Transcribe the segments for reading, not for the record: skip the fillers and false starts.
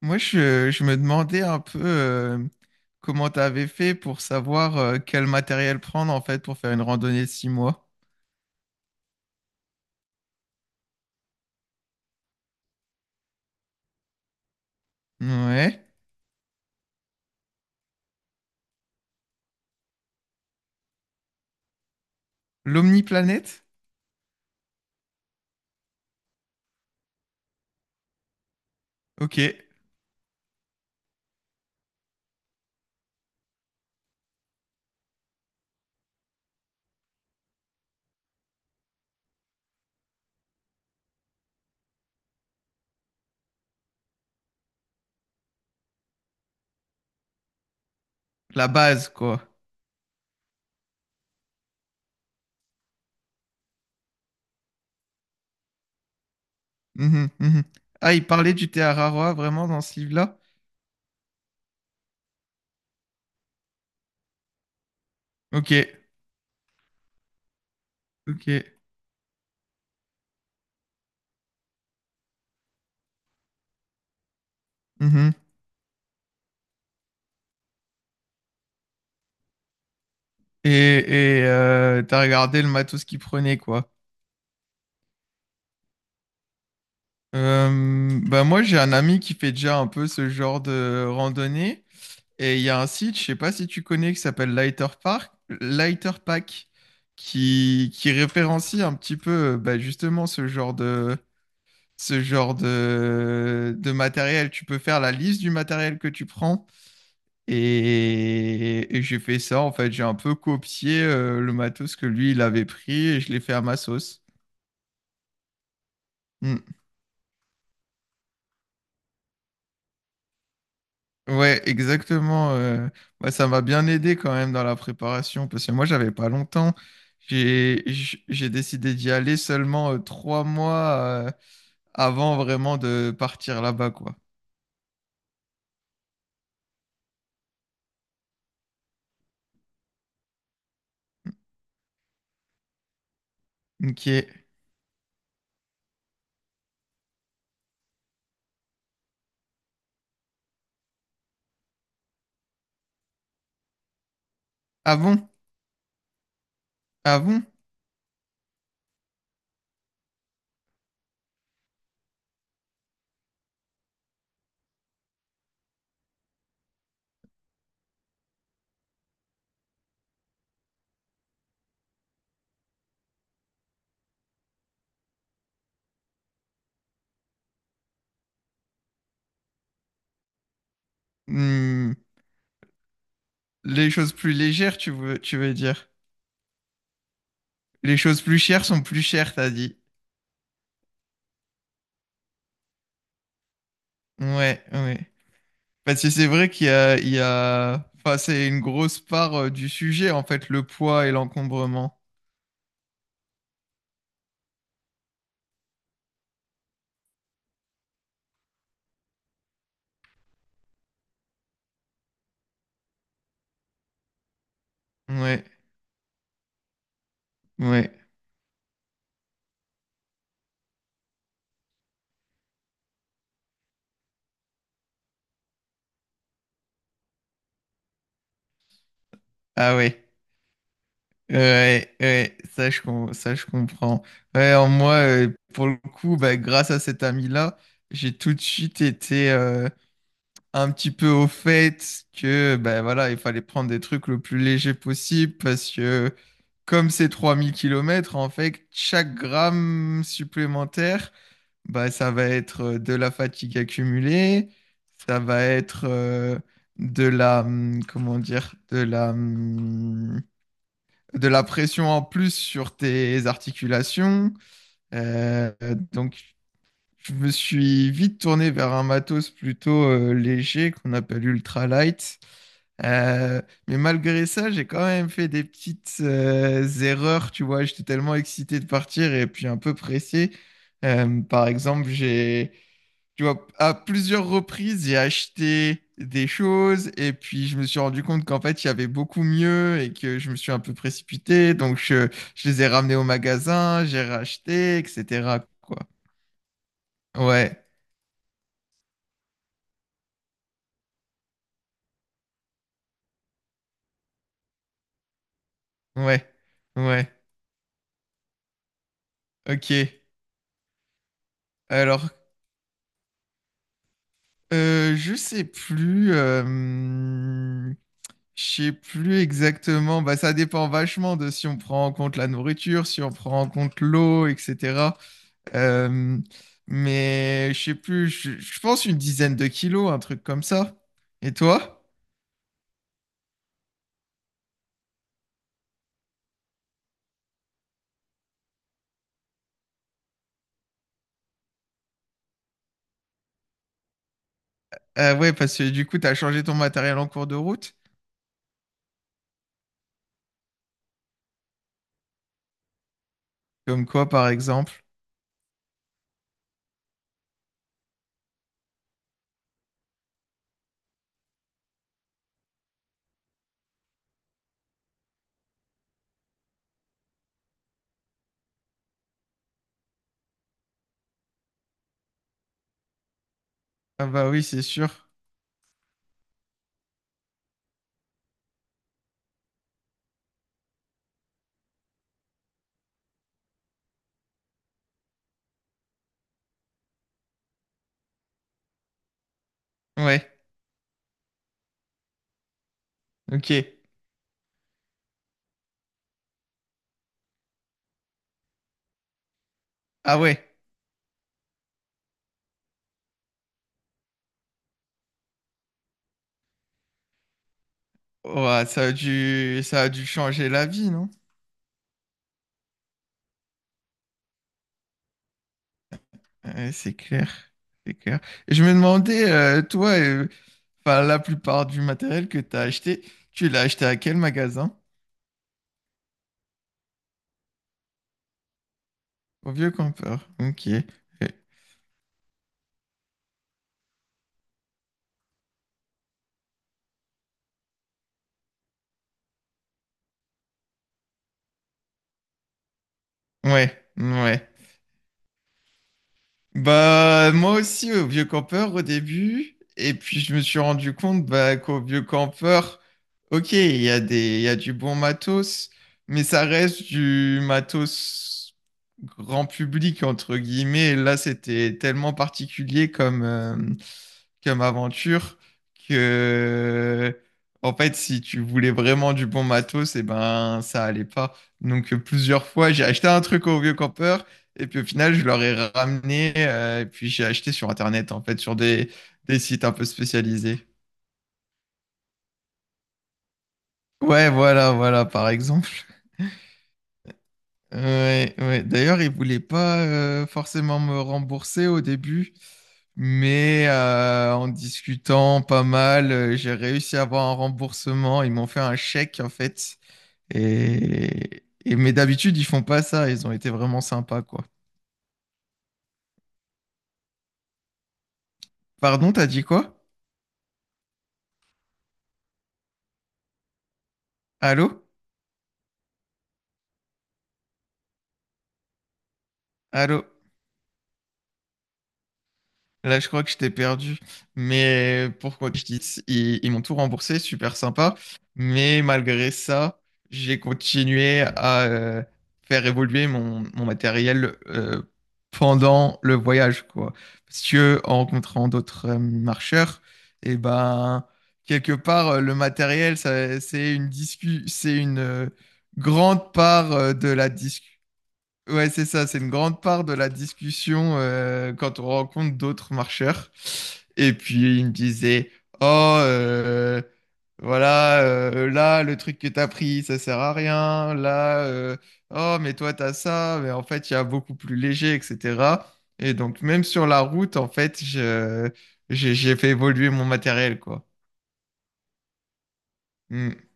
Moi, je me demandais un peu comment tu avais fait pour savoir quel matériel prendre en fait pour faire une randonnée de 6 mois. Ouais. L'omniplanète? Ok. La base, quoi. Mhm, mhm. Ah, il parlait du thé Araroa vraiment dans ce livre-là? Ok. Ok. Mhm. T'as regardé le matos qu'il prenait, quoi. Bah moi, j'ai un ami qui fait déjà un peu ce genre de randonnée. Et il y a un site, je sais pas si tu connais, qui s'appelle Lighter Pack, qui référencie un petit peu bah, justement ce genre de, ce genre de matériel. Tu peux faire la liste du matériel que tu prends. Et j'ai fait ça, en fait, j'ai un peu copié le matos que lui, il avait pris et je l'ai fait à ma sauce. Mm. Ouais, exactement. Ça m'a bien aidé quand même dans la préparation parce que moi, j'avais pas longtemps. J'ai décidé d'y aller seulement 3 mois avant vraiment de partir là-bas, quoi. Ok. Ah bon? Ah bon? Hmm. Les choses plus légères, tu veux dire? Les choses plus chères sont plus chères, t'as dit. Ouais, ouais. Parce que c'est vrai il y a... Enfin, c'est une grosse part du sujet, en fait, le poids et l'encombrement. Ouais. Ouais. Ah ouais, ouais, ouais, ça je comprends. Ouais, en moi, pour le coup, bah, grâce à cet ami-là, j'ai tout de suite été un petit peu au fait que bah, voilà, il fallait prendre des trucs le plus léger possible parce que comme c'est 3000 kilomètres en fait, chaque gramme supplémentaire, bah, ça va être de la fatigue accumulée, ça va être comment dire, de la pression en plus sur tes articulations. Euh, donc, je me suis vite tourné vers un matos plutôt léger qu'on appelle ultralight. Euh, mais malgré ça, j'ai quand même fait des petites erreurs, tu vois. J'étais tellement excité de partir et puis un peu pressé. Par exemple, j'ai tu vois, à plusieurs reprises, j'ai acheté des choses et puis je me suis rendu compte qu'en fait, il y avait beaucoup mieux et que je me suis un peu précipité. Donc, je les ai ramenés au magasin, j'ai racheté, etc. quoi. Ouais, ouais, ouais. Ok. Alors, je sais plus. Je sais plus exactement. Bah, ça dépend vachement de si on prend en compte la nourriture, si on prend en compte l'eau, etc. Euh, mais je sais plus, je pense une dizaine de kilos, un truc comme ça. Et toi? Ah ouais, parce que du coup, t'as changé ton matériel en cours de route. Comme quoi, par exemple? Ah bah oui, c'est sûr. Ouais, ok. Ah ouais. Ouah, ça a dû changer la vie, non? Ouais, c'est clair, c'est clair. Et je me demandais, enfin, la plupart du matériel que t'as acheté, tu l'as acheté à quel magasin? Au Vieux Campeur. Ok. Ouais, ouais. Bah, moi aussi, au vieux campeur au début. Et puis, je me suis rendu compte bah, qu'au vieux campeur, ok, il y a des, il y a du bon matos, mais ça reste du matos grand public, entre guillemets. Et là, c'était tellement particulier comme, comme aventure que, en fait, si tu voulais vraiment du bon matos, et ben, ça allait pas. Donc, plusieurs fois, j'ai acheté un truc au vieux campeur, et puis au final, je leur ai ramené, et puis j'ai acheté sur Internet, en fait, sur des sites un peu spécialisés. Ouais, voilà, voilà, par exemple. Ouais, ouais. D'ailleurs, ils voulaient pas forcément me rembourser au début, mais en discutant pas mal, j'ai réussi à avoir un remboursement. Ils m'ont fait un chèque en fait. Mais d'habitude, ils font pas ça. Ils ont été vraiment sympas, quoi. Pardon, t'as dit quoi? Allô? Allô? Là, je crois que je t'ai perdu. Mais pourquoi que je dis, ils m'ont tout remboursé, super sympa. Mais malgré ça, j'ai continué à faire évoluer mon matériel pendant le voyage, quoi. Parce que en rencontrant d'autres marcheurs, et ben quelque part, le matériel, c'est une discu, c'est une grande part de la discussion. Ouais, c'est ça, c'est une grande part de la discussion quand on rencontre d'autres marcheurs. Et puis il me disait, oh, euh, voilà, là, le truc que t'as pris, ça sert à rien. Là, oh, mais toi, t'as ça, mais en fait, il y a beaucoup plus léger, etc. Et donc, même sur la route, en fait, j'ai fait évoluer mon matériel, quoi. Mm.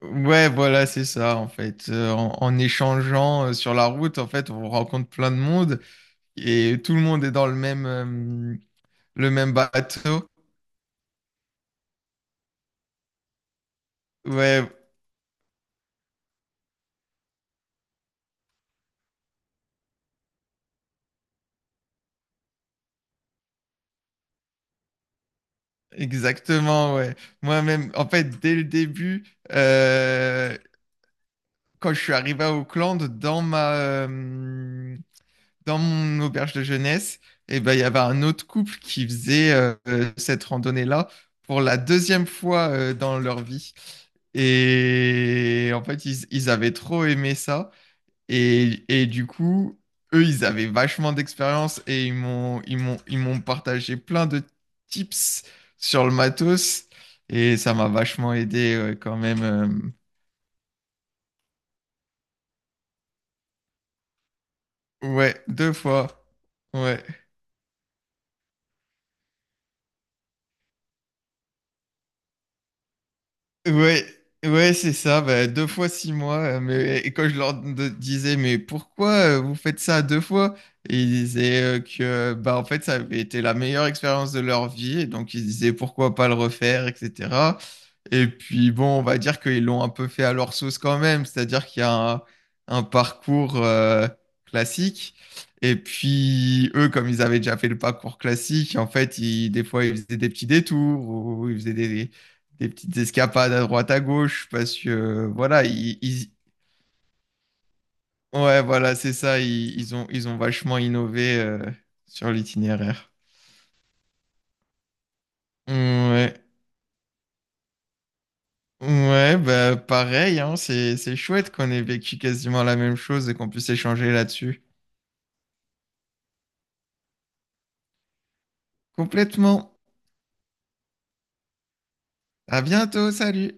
Ouais, voilà, c'est ça, en fait. En échangeant sur la route, en fait, on rencontre plein de monde. Et tout le monde est dans le même bateau. Ouais, exactement, ouais. Moi-même, en fait, dès le début, euh, quand je suis arrivé à Auckland, dans dans mon auberge de jeunesse, et ben, il y avait un autre couple qui faisait cette randonnée-là pour la deuxième fois dans leur vie. Et en fait, ils avaient trop aimé ça. Et du coup, eux, ils avaient vachement d'expérience et ils m'ont partagé plein de tips sur le matos. Et ça m'a vachement aidé ouais, quand même. Euh, ouais, deux fois. Ouais. Ouais, ouais, c'est ça, bah, deux fois 6 mois. Mais, et quand je disais, mais pourquoi vous faites ça deux fois? Et ils disaient que bah, en fait, ça avait été la meilleure expérience de leur vie. Et donc, ils disaient pourquoi pas le refaire, etc. Et puis, bon, on va dire qu'ils l'ont un peu fait à leur sauce quand même. C'est-à-dire qu'il y a un parcours classique. Et puis, eux, comme ils avaient déjà fait le parcours classique, en fait, des fois, ils faisaient des petits détours ou ils faisaient des petites escapades à droite à gauche parce que ouais, voilà, c'est ça, ils ont vachement innové sur l'itinéraire. Ouais. Ouais, bah pareil, hein, c'est chouette qu'on ait vécu quasiment la même chose et qu'on puisse échanger là-dessus. Complètement. À bientôt, salut.